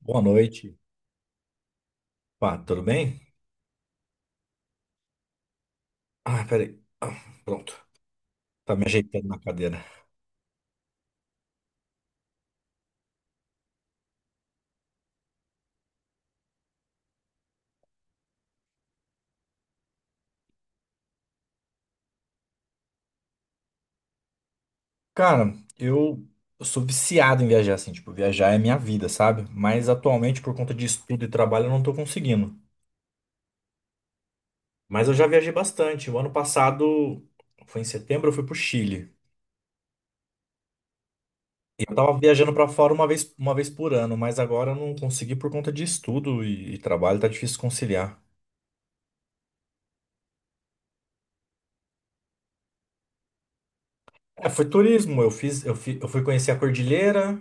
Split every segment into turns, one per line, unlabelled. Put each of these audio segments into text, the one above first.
Boa noite. Pá, tudo bem? Ah, peraí. Ah, pronto. Tá me ajeitando na cadeira. Cara, eu sou viciado em viajar, assim, tipo, viajar é minha vida, sabe? Mas atualmente, por conta de estudo e trabalho, eu não tô conseguindo. Mas eu já viajei bastante. O ano passado, foi em setembro, eu fui pro Chile. E eu tava viajando pra fora uma vez por ano, mas agora eu não consegui por conta de estudo e trabalho, tá difícil conciliar. É, foi turismo. Eu fiz, eu fi- eu fui conhecer a Cordilheira,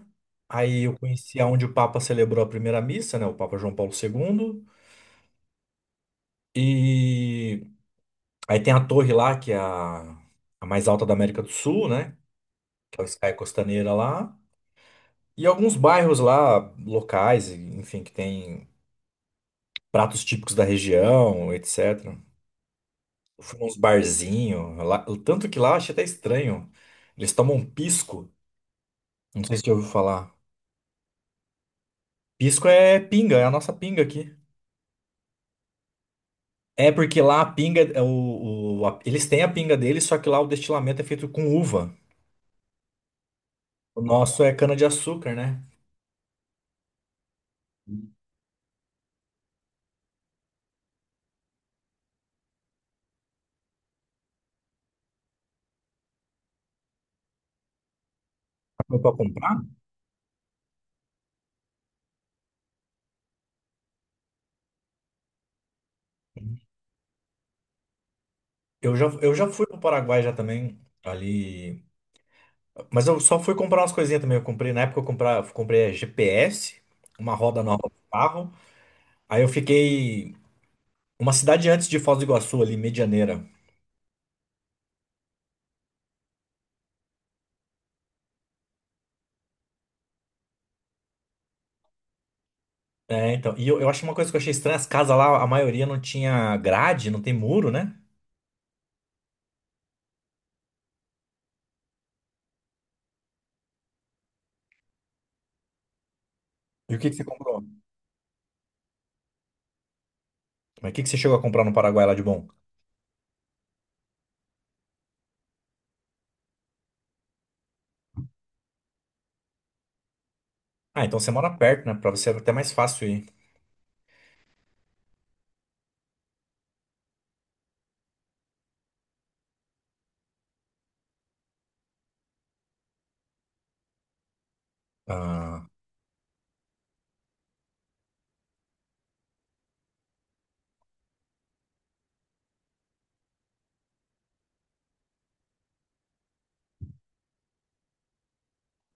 aí eu conheci aonde o Papa celebrou a primeira missa, né? O Papa João Paulo II. E aí tem a torre lá, que é a mais alta da América do Sul, né? Que é o Sky Costaneira lá. E alguns bairros lá, locais, enfim, que tem pratos típicos da região, etc. Eu fui nos barzinhos, lá, o tanto que lá eu achei até estranho. Eles tomam pisco, não sei se você já ouviu falar. Pisco é pinga, é a nossa pinga aqui. É porque lá a pinga, eles têm a pinga deles, só que lá o destilamento é feito com uva. O nosso é cana-de-açúcar, né? Foi pra comprar? Eu já fui pro Paraguai já também, ali. Mas eu só fui comprar umas coisinhas também. Eu comprei, na época comprei GPS, uma roda nova pro carro. Aí eu fiquei uma cidade antes de Foz do Iguaçu, ali, Medianeira. É, então. E eu acho uma coisa que eu achei estranha, as casas lá, a maioria não tinha grade, não tem muro, né? E o que que você comprou? Mas o que que você chegou a comprar no Paraguai lá de bom? Ah, então você mora perto, né? Pra você é até mais fácil ir. Ah,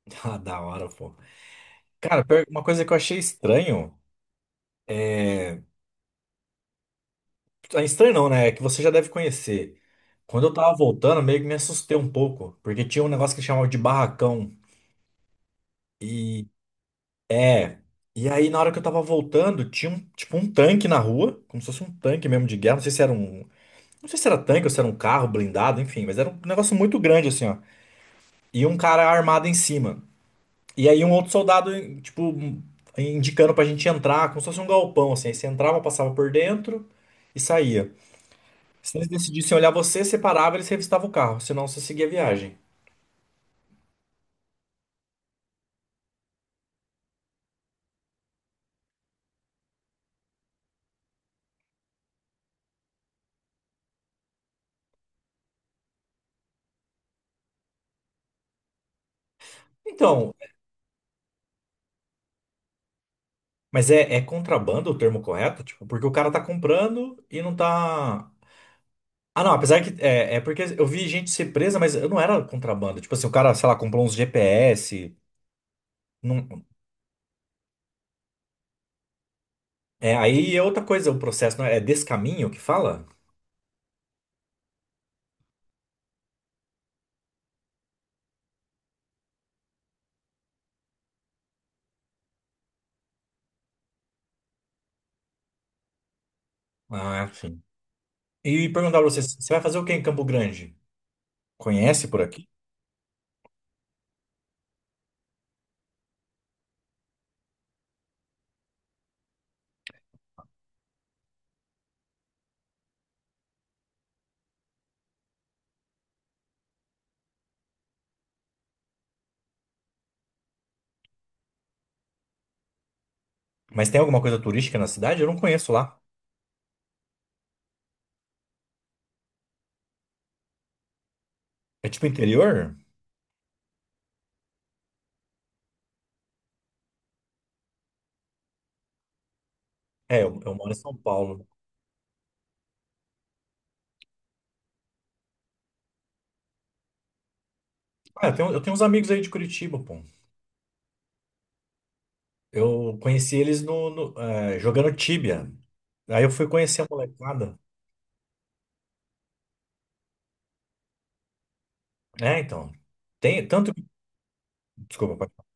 ah, da hora, pô. Cara, uma coisa que eu achei estranho é. Ah, estranho não, né? É que você já deve conhecer. Quando eu tava voltando, meio que me assustei um pouco, porque tinha um negócio que chamava de barracão. E. É. E aí, na hora que eu tava voltando, tinha um, tipo um tanque na rua, como se fosse um tanque mesmo de guerra. Não sei se era um. Não sei se era tanque ou se era um carro blindado, enfim, mas era um negócio muito grande assim, ó. E um cara armado em cima. E aí um outro soldado, tipo, indicando pra gente entrar, como se fosse um galpão, assim. Aí você entrava, passava por dentro e saía. Se eles decidissem olhar você, você parava, eles revistavam o carro, senão você seguia a viagem. Então, mas é contrabando o termo correto? Tipo, porque o cara tá comprando e não tá. Ah, não, apesar que. É, é porque eu vi gente ser presa, mas eu não era contrabando. Tipo assim, o cara, sei lá, comprou uns GPS. Não... É, aí é outra coisa o processo, não é? É descaminho que fala? Ah, e perguntar pra você, você vai fazer o que em Campo Grande? Conhece por aqui? Mas tem alguma coisa turística na cidade? Eu não conheço lá. É tipo interior? É, eu moro em São Paulo. Ah, eu tenho uns amigos aí de Curitiba, pô. Eu conheci eles no jogando tíbia. Aí eu fui conhecer a molecada. É, então. Tem tanto. Desculpa, pode falar.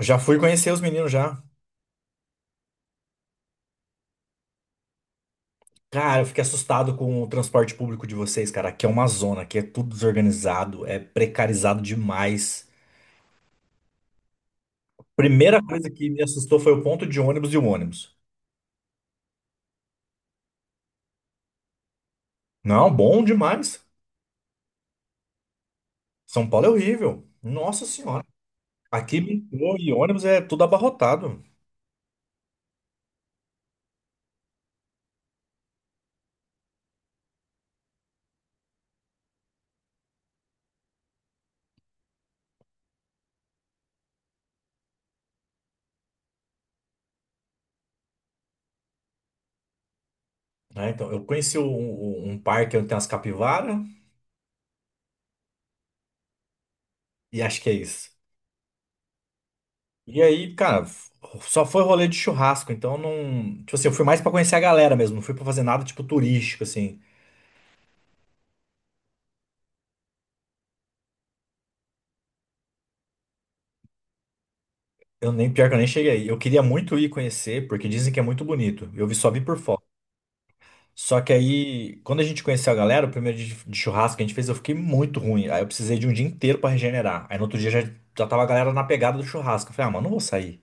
Já fui conhecer os meninos já. Cara, eu fiquei assustado com o transporte público de vocês, cara. Aqui é uma zona, aqui é tudo desorganizado, é precarizado demais. Primeira coisa que me assustou foi o ponto de ônibus e o ônibus. Não, bom demais. São Paulo é horrível. Nossa Senhora. Aqui metrô e ônibus é tudo abarrotado. Né? Então, eu conheci um parque onde tem umas capivaras e acho que é isso. E aí, cara, só foi rolê de churrasco. Então, não. Tipo assim, eu fui mais pra conhecer a galera mesmo. Não fui pra fazer nada, tipo, turístico, assim. Eu nem, pior que eu nem cheguei aí. Eu queria muito ir conhecer, porque dizem que é muito bonito. Só vi por foto. Só que aí, quando a gente conheceu a galera, o primeiro dia de churrasco que a gente fez, eu fiquei muito ruim. Aí eu precisei de um dia inteiro pra regenerar. Aí no outro dia já, já tava a galera na pegada do churrasco. Eu falei, ah, mano, não vou sair.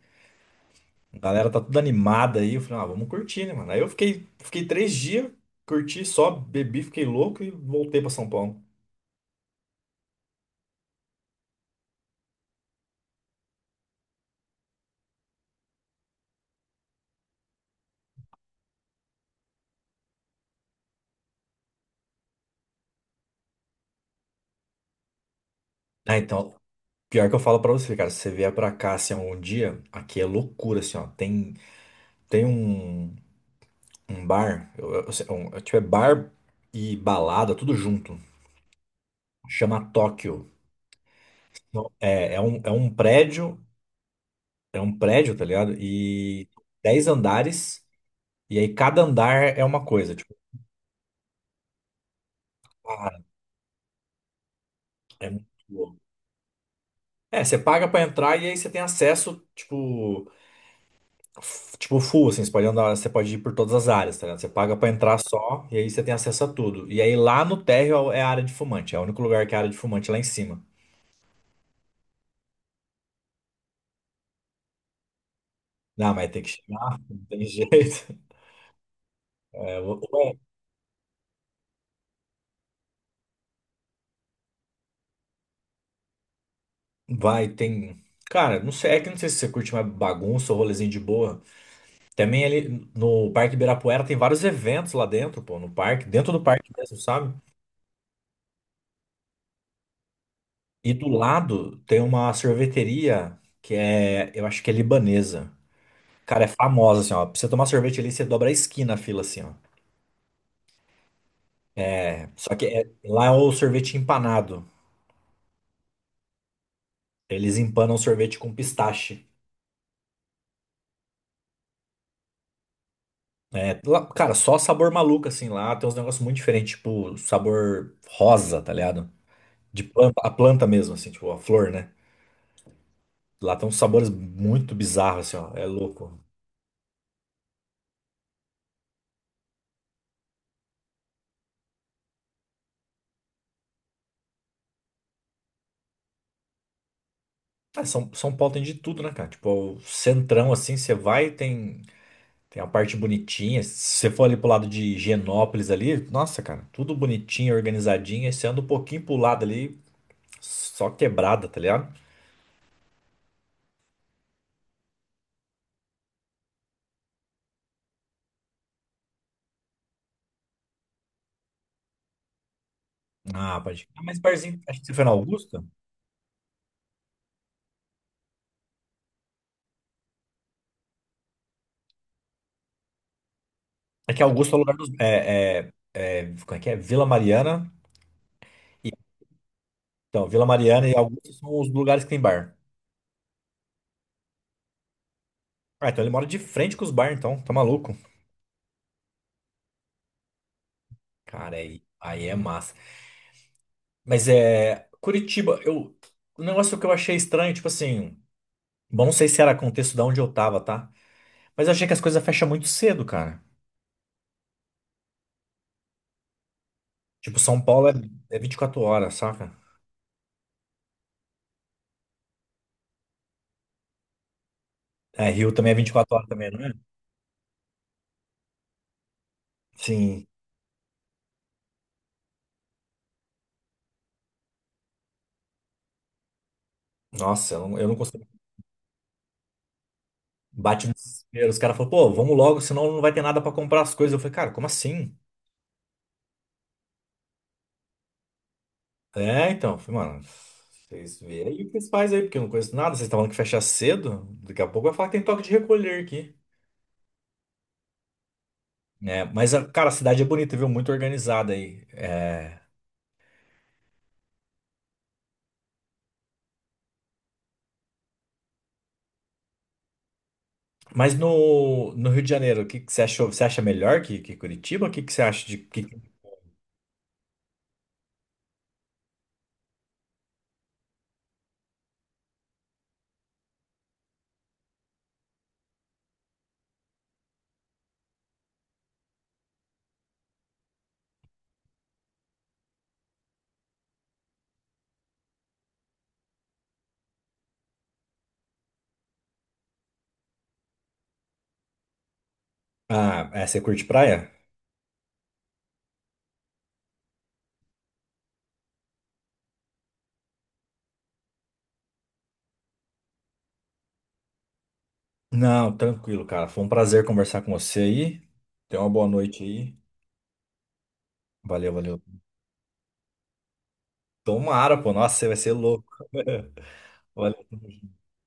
A galera tá tudo animada aí. Eu falei, ah, vamos curtir, né, mano? Aí eu fiquei 3 dias, curti só, bebi, fiquei louco e voltei pra São Paulo. Ah, então, pior que eu falo pra você, cara, se você vier pra cá, assim, um dia, aqui é loucura, assim, ó. Tem um, um bar, tipo, é bar e balada, tudo junto. Chama Tóquio. Não, é um prédio, tá ligado? E 10 andares, e aí cada andar é uma coisa. Tipo, cara, é muito louco. É, você paga pra entrar e aí você tem acesso, tipo, tipo full, assim, você pode andar, você pode ir por todas as áreas, tá ligado? Você paga pra entrar só, e aí você tem acesso a tudo. E aí lá no térreo é a área de fumante, é o único lugar que é a área de fumante lá em cima. Não, mas tem que chegar, não tem jeito. É, vai, tem. Cara, não sei, é que não sei se você curte mais bagunça ou rolezinho de boa. Também ali no Parque Ibirapuera tem vários eventos lá dentro, pô, no parque, dentro do parque mesmo, sabe? E do lado tem uma sorveteria que é, eu acho que é libanesa. Cara, é famosa, assim, ó. Pra você tomar sorvete ali, você dobra a esquina a fila, assim, ó. É, só que é- lá é o sorvete empanado. Eles empanam sorvete com pistache. É, lá- cara, só sabor maluco, assim, lá tem uns negócios muito diferentes, tipo, sabor rosa, tá ligado? De planta, a planta mesmo, assim, tipo, a flor, né? Lá tem uns sabores muito bizarros, assim, ó. É louco. Ah, São Paulo tem de tudo, né, cara? Tipo, é o centrão, assim, você vai, tem a parte bonitinha. Se você for ali pro lado de Higienópolis ali, nossa, cara, tudo bonitinho, organizadinho. Aí você anda um pouquinho pro lado ali, só quebrada, tá ligado? Ah, pode. Ah, mas barzinho, acho que você foi na Augusta? É que Augusta é o lugar dos. É, é, é, como é que é? Vila Mariana. Então, Vila Mariana e Augusta são os lugares que tem bar. Ah, então ele mora de frente com os bar, então, tá maluco? Cara, aí é massa. Mas é. Curitiba, eu. O negócio que eu achei estranho, tipo assim. Bom, não sei se era contexto de onde eu tava, tá? Mas eu achei que as coisas fecham muito cedo, cara. Tipo, São Paulo é 24 horas, saca? É, Rio também é 24 horas também, não é? Sim. Nossa, eu não consigo. Bate no desespero. Os caras falam, pô, vamos logo, senão não vai ter nada pra comprar as coisas. Eu falei, cara, como assim? É, então. Eu falei, mano, vocês veem aí o que vocês fazem aí, porque eu não conheço nada. Vocês estavam falando que fecha cedo. Daqui a pouco vai falar que tem toque de recolher aqui. Né? Mas, cara, a cidade é bonita, viu? Muito organizada aí. É, mas no Rio de Janeiro, o que, que você achou? Você acha melhor que Curitiba? O que, que você acha de. Que... Ah, é, você curte praia? Não, tranquilo, cara. Foi um prazer conversar com você aí. Tenha uma boa noite aí. Valeu, valeu. Tomara, pô. Nossa, você vai ser louco. Valeu.